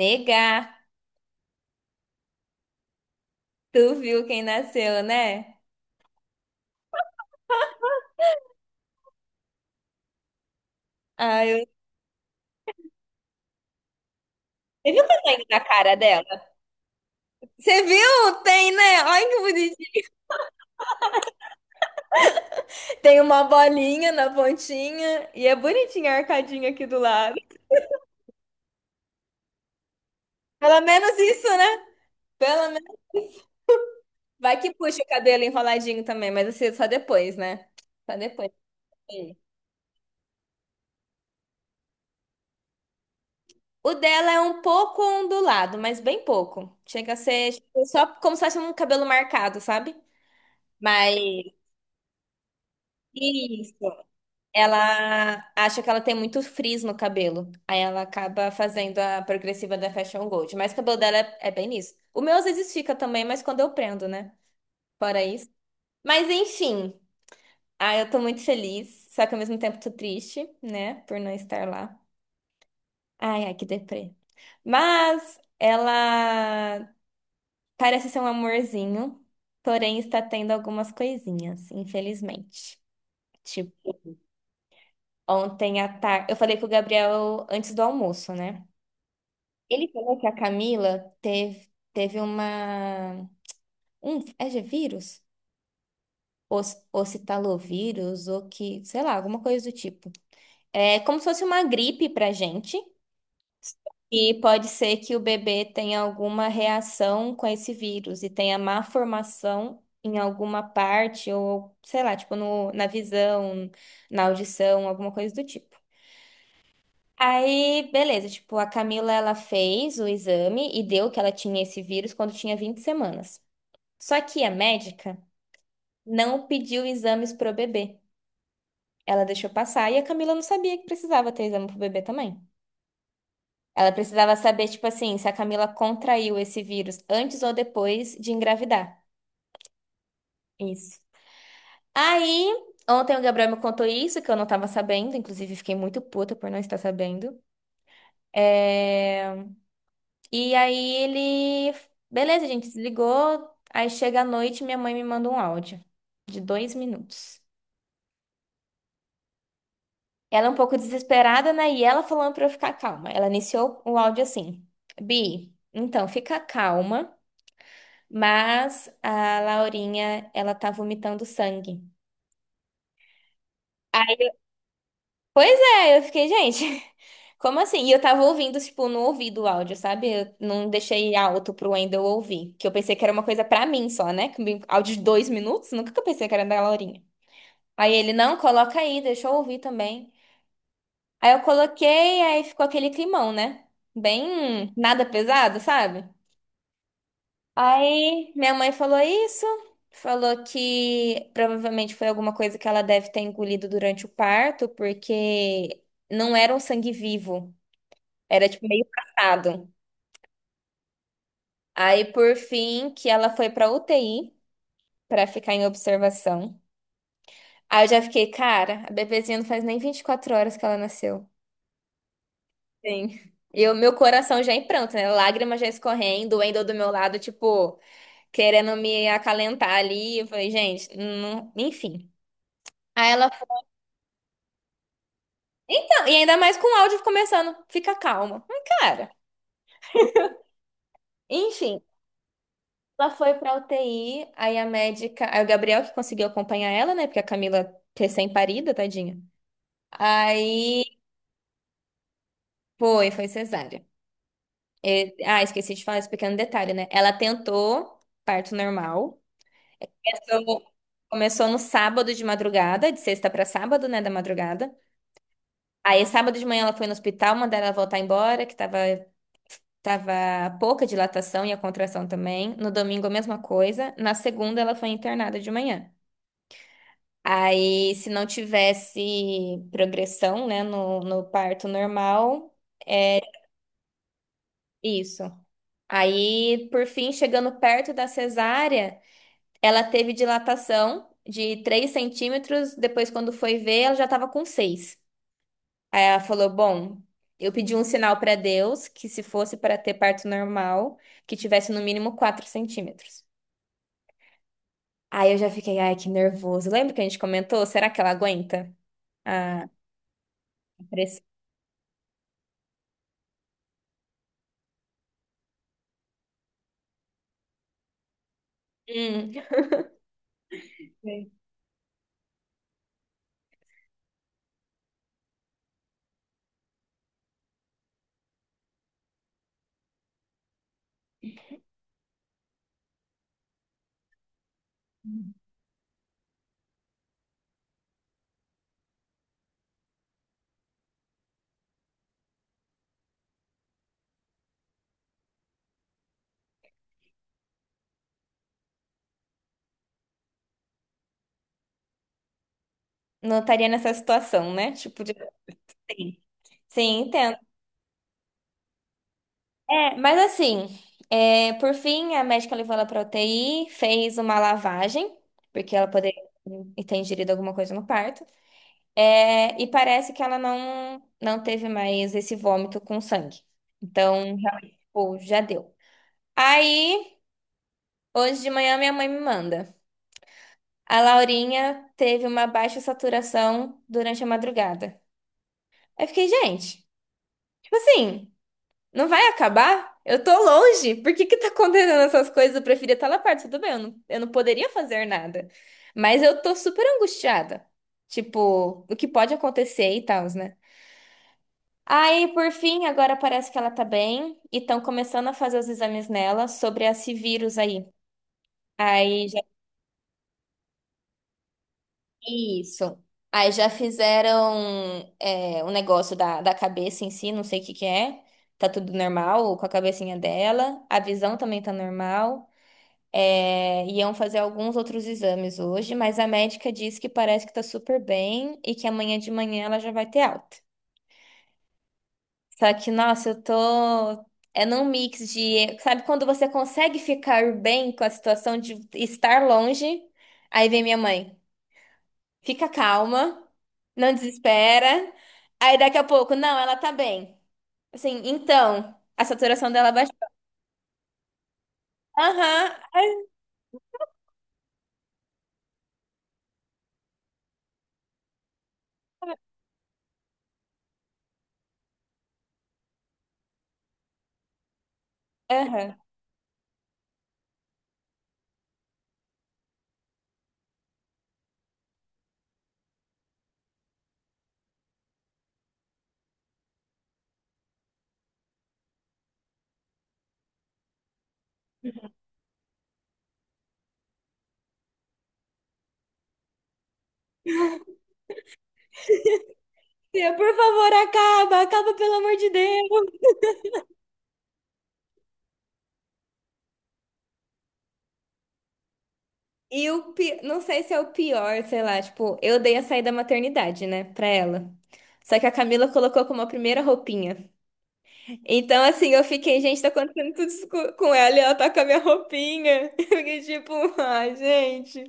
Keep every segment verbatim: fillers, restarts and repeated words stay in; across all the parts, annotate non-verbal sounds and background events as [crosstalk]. Negar. Tu viu quem nasceu, né? Ah, eu... Você viu o sangue na cara dela? Você viu? Tem, né? Olha que bonitinho. Tem uma bolinha na pontinha e é bonitinha a arcadinha aqui do lado. Pelo menos isso, né? Pelo menos. Vai que puxa o cabelo enroladinho também, mas assim, só depois, né? Só depois. O dela é um pouco ondulado, mas bem pouco. Chega a ser tipo, só como se fosse um cabelo marcado, sabe? Mas. Isso. Ela acha que ela tem muito frizz no cabelo. Aí ela acaba fazendo a progressiva da Fashion Gold. Mas o cabelo dela é, é bem nisso. O meu às vezes fica também, mas quando eu prendo, né? Fora isso. Mas enfim. Ah, eu tô muito feliz. Só que ao mesmo tempo tô triste, né? Por não estar lá. Ai, ai, que deprê. Mas ela parece ser um amorzinho. Porém, está tendo algumas coisinhas, infelizmente. Tipo, ontem à tarde. Eu falei com o Gabriel antes do almoço, né? Ele falou que a Camila teve, teve uma. Um, é de vírus? Os- Ocitalovírus, ou que, sei lá, alguma coisa do tipo. É como se fosse uma gripe pra gente. E pode ser que o bebê tenha alguma reação com esse vírus e tenha má formação em alguma parte, ou sei lá, tipo no, na visão, na audição, alguma coisa do tipo. Aí, beleza, tipo, a Camila, ela fez o exame e deu que ela tinha esse vírus quando tinha vinte semanas. Só que a médica não pediu exames pro bebê. Ela deixou passar e a Camila não sabia que precisava ter exame pro bebê também. Ela precisava saber, tipo assim, se a Camila contraiu esse vírus antes ou depois de engravidar. Isso. Aí, ontem o Gabriel me contou isso, que eu não tava sabendo, inclusive fiquei muito puta por não estar sabendo. É, e aí ele. Beleza, a gente desligou. Aí chega a noite, minha mãe me manda um áudio de dois minutos. Ela é um pouco desesperada, né? E ela falando pra eu ficar calma. Ela iniciou o áudio assim: Bi, então fica calma, mas a Laurinha, ela tá vomitando sangue. Pois é, eu fiquei, gente, [laughs] como assim? E eu tava ouvindo, tipo, no ouvido o áudio, sabe? Eu não deixei alto pro Wendel ouvir, que eu pensei que era uma coisa pra mim só, né? Que um áudio de dois minutos, nunca que eu pensei que era da Laurinha. Aí ele, não, coloca aí, deixa eu ouvir também. Aí eu coloquei, aí ficou aquele climão, né? Bem nada pesado, sabe? Aí minha mãe falou isso, falou que provavelmente foi alguma coisa que ela deve ter engolido durante o parto, porque não era um sangue vivo, era tipo meio passado. Aí por fim que ela foi pra U T I pra ficar em observação. Aí eu já fiquei, cara, a bebezinha não faz nem vinte e quatro horas que ela nasceu. Sim. E o meu coração já em pranto, né? Lágrimas já escorrendo, o Wendel do meu lado, tipo, querendo me acalentar ali. Eu falei, gente, não... enfim. Aí ela foi. Então, e ainda mais com o áudio começando, fica calma. Mas, cara, enfim. Ela foi pra U T I, aí a médica. Aí o Gabriel que conseguiu acompanhar ela, né? Porque a Camila recém-parida, tadinha. Aí foi, foi cesárea. E- ah, esqueci de falar esse pequeno detalhe, né? Ela tentou parto normal. Começou, começou no sábado de madrugada, de sexta para sábado, né, da madrugada. Aí, sábado de manhã, ela foi no hospital, mandaram ela voltar embora, que tava, tava pouca dilatação e a contração também. No domingo, a mesma coisa. Na segunda, ela foi internada de manhã. Aí, se não tivesse progressão, né, no, no parto normal, é isso. Aí, por fim, chegando perto da cesárea. Ela teve dilatação de três centímetros, depois, quando foi ver, ela já estava com seis. Aí ela falou: bom, eu pedi um sinal para Deus que, se fosse para ter parto normal, que tivesse no mínimo quatro centímetros. Aí eu já fiquei, ai, que nervoso. Lembra que a gente comentou? Será que ela aguenta a pressão? Hum, não estaria nessa situação, né? Tipo, de... Sim, sim. É, mas assim, é, por fim, a médica levou ela para U T I, fez uma lavagem, porque ela poderia ter ingerido alguma coisa no parto. É, e parece que ela não, não teve mais esse vômito com sangue. Então, realmente, pô, já deu. Aí, hoje de manhã, minha mãe me manda. A Laurinha teve uma baixa saturação durante a madrugada. Aí eu fiquei, gente, tipo assim. Não vai acabar? Eu tô longe. Por que que tá acontecendo essas coisas? Eu preferia estar lá perto. Tudo bem, eu não, eu não poderia fazer nada. Mas eu tô super angustiada. Tipo, o que pode acontecer e tal, né? Aí, por fim, agora parece que ela tá bem e estão começando a fazer os exames nela sobre esse vírus aí. Aí já é isso. Aí já fizeram é, o negócio da, da cabeça em si, não sei o que que é. Tá tudo normal com a cabecinha dela. A visão também tá normal. É, iam fazer alguns outros exames hoje, mas a médica disse que parece que tá super bem e que amanhã de manhã ela já vai ter alta. Só que, nossa, eu tô. É num mix de. Sabe quando você consegue ficar bem com a situação de estar longe? Aí vem minha mãe. Fica calma, não desespera. Aí daqui a pouco, não, ela tá bem. Assim, então, a saturação dela baixou. Aham, aham. Tia, por favor, acaba, acaba, pelo amor de Deus. E o pi... não sei se é o pior, sei lá, tipo, eu dei a saída maternidade, né, pra ela. Só que a Camila colocou como a primeira roupinha. Então, assim, eu fiquei, gente, tá acontecendo tudo isso co- com ela e ela tá com a minha roupinha. [laughs] Eu fiquei tipo, ai, gente.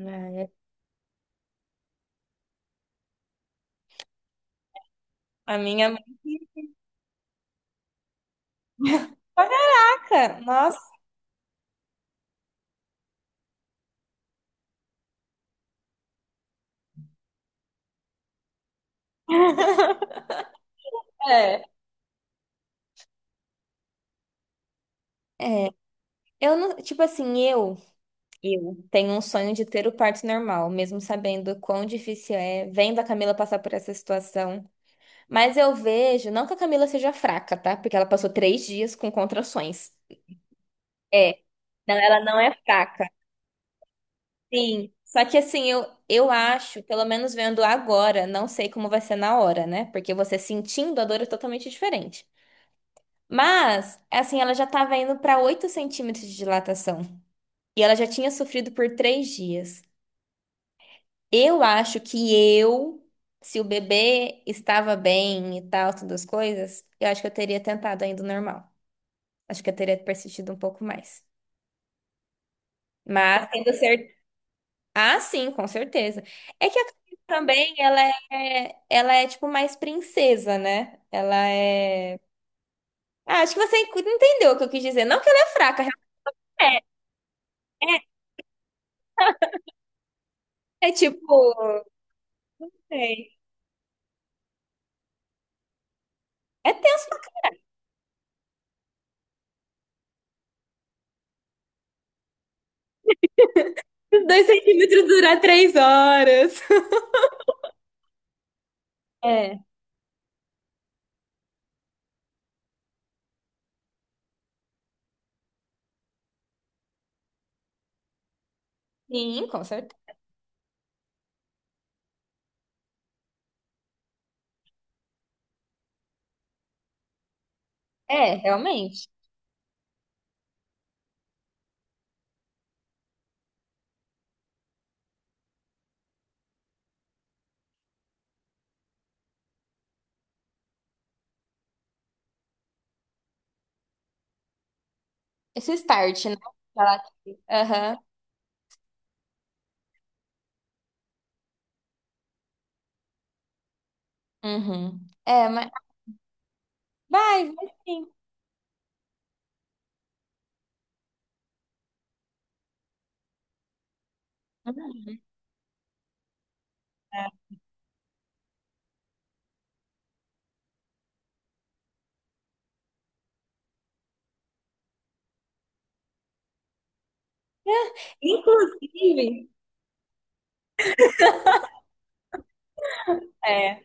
Ai, a minha mãe. Caraca, nossa. É. É, eu não, tipo assim, eu, eu tenho um sonho de ter o parto normal, mesmo sabendo quão difícil é, vendo a Camila passar por essa situação. Mas eu vejo, não que a Camila seja fraca, tá? Porque ela passou três dias com contrações. É, não, ela não é fraca. Sim. Só que assim, eu, eu acho, pelo menos vendo agora, não sei como vai ser na hora, né? Porque você sentindo a dor é totalmente diferente. Mas, assim, ela já tava indo pra oito centímetros de dilatação. E ela já tinha sofrido por três dias. Eu acho que eu, se o bebê estava bem e tal, todas as coisas, eu acho que eu teria tentado ainda o normal. Acho que eu teria persistido um pouco mais. Mas tendo certeza. Ah, sim, com certeza. É que a Camila também, ela é, ela é tipo mais princesa, né? Ela é. Ah, acho que você entendeu o que eu quis dizer. Não que ela é fraca, realmente é, é, é tipo. Sei. É tenso pra caralho, dois centímetros durar três horas. [laughs] É, sim, com certeza. É, realmente. Esse start, né? Ela- aham. Uhum. É, mas vai, vai sim. Uhum. Inclusive, é,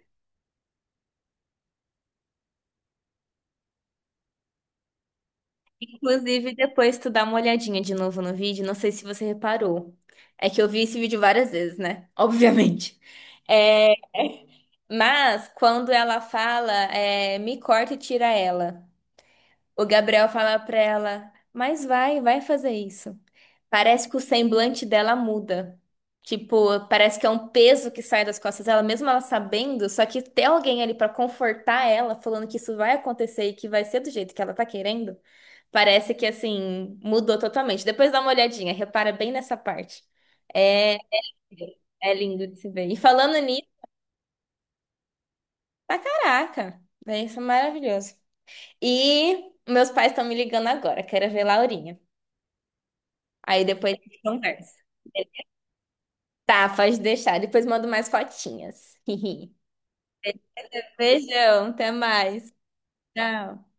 inclusive depois tu dá uma olhadinha de novo no vídeo, não sei se você reparou. É que eu vi esse vídeo várias vezes, né? [laughs] Obviamente. É, mas quando ela fala, é, me corta e tira ela. O Gabriel fala pra ela, mas vai, vai fazer isso. Parece que o semblante dela muda. Tipo, parece que é um peso que sai das costas dela, mesmo ela sabendo, só que ter alguém ali pra confortar ela, falando que isso vai acontecer e que vai ser do jeito que ela tá querendo, parece que assim, mudou totalmente. Depois dá uma olhadinha, repara bem nessa parte. É, é lindo de se ver. E falando nisso, tá caraca, né, isso é maravilhoso. E meus pais estão me ligando agora, quero ver Laurinha. Aí depois a gente conversa. Tá, pode deixar. Depois mando mais fotinhas. [laughs] Beijão, até mais. Tchau.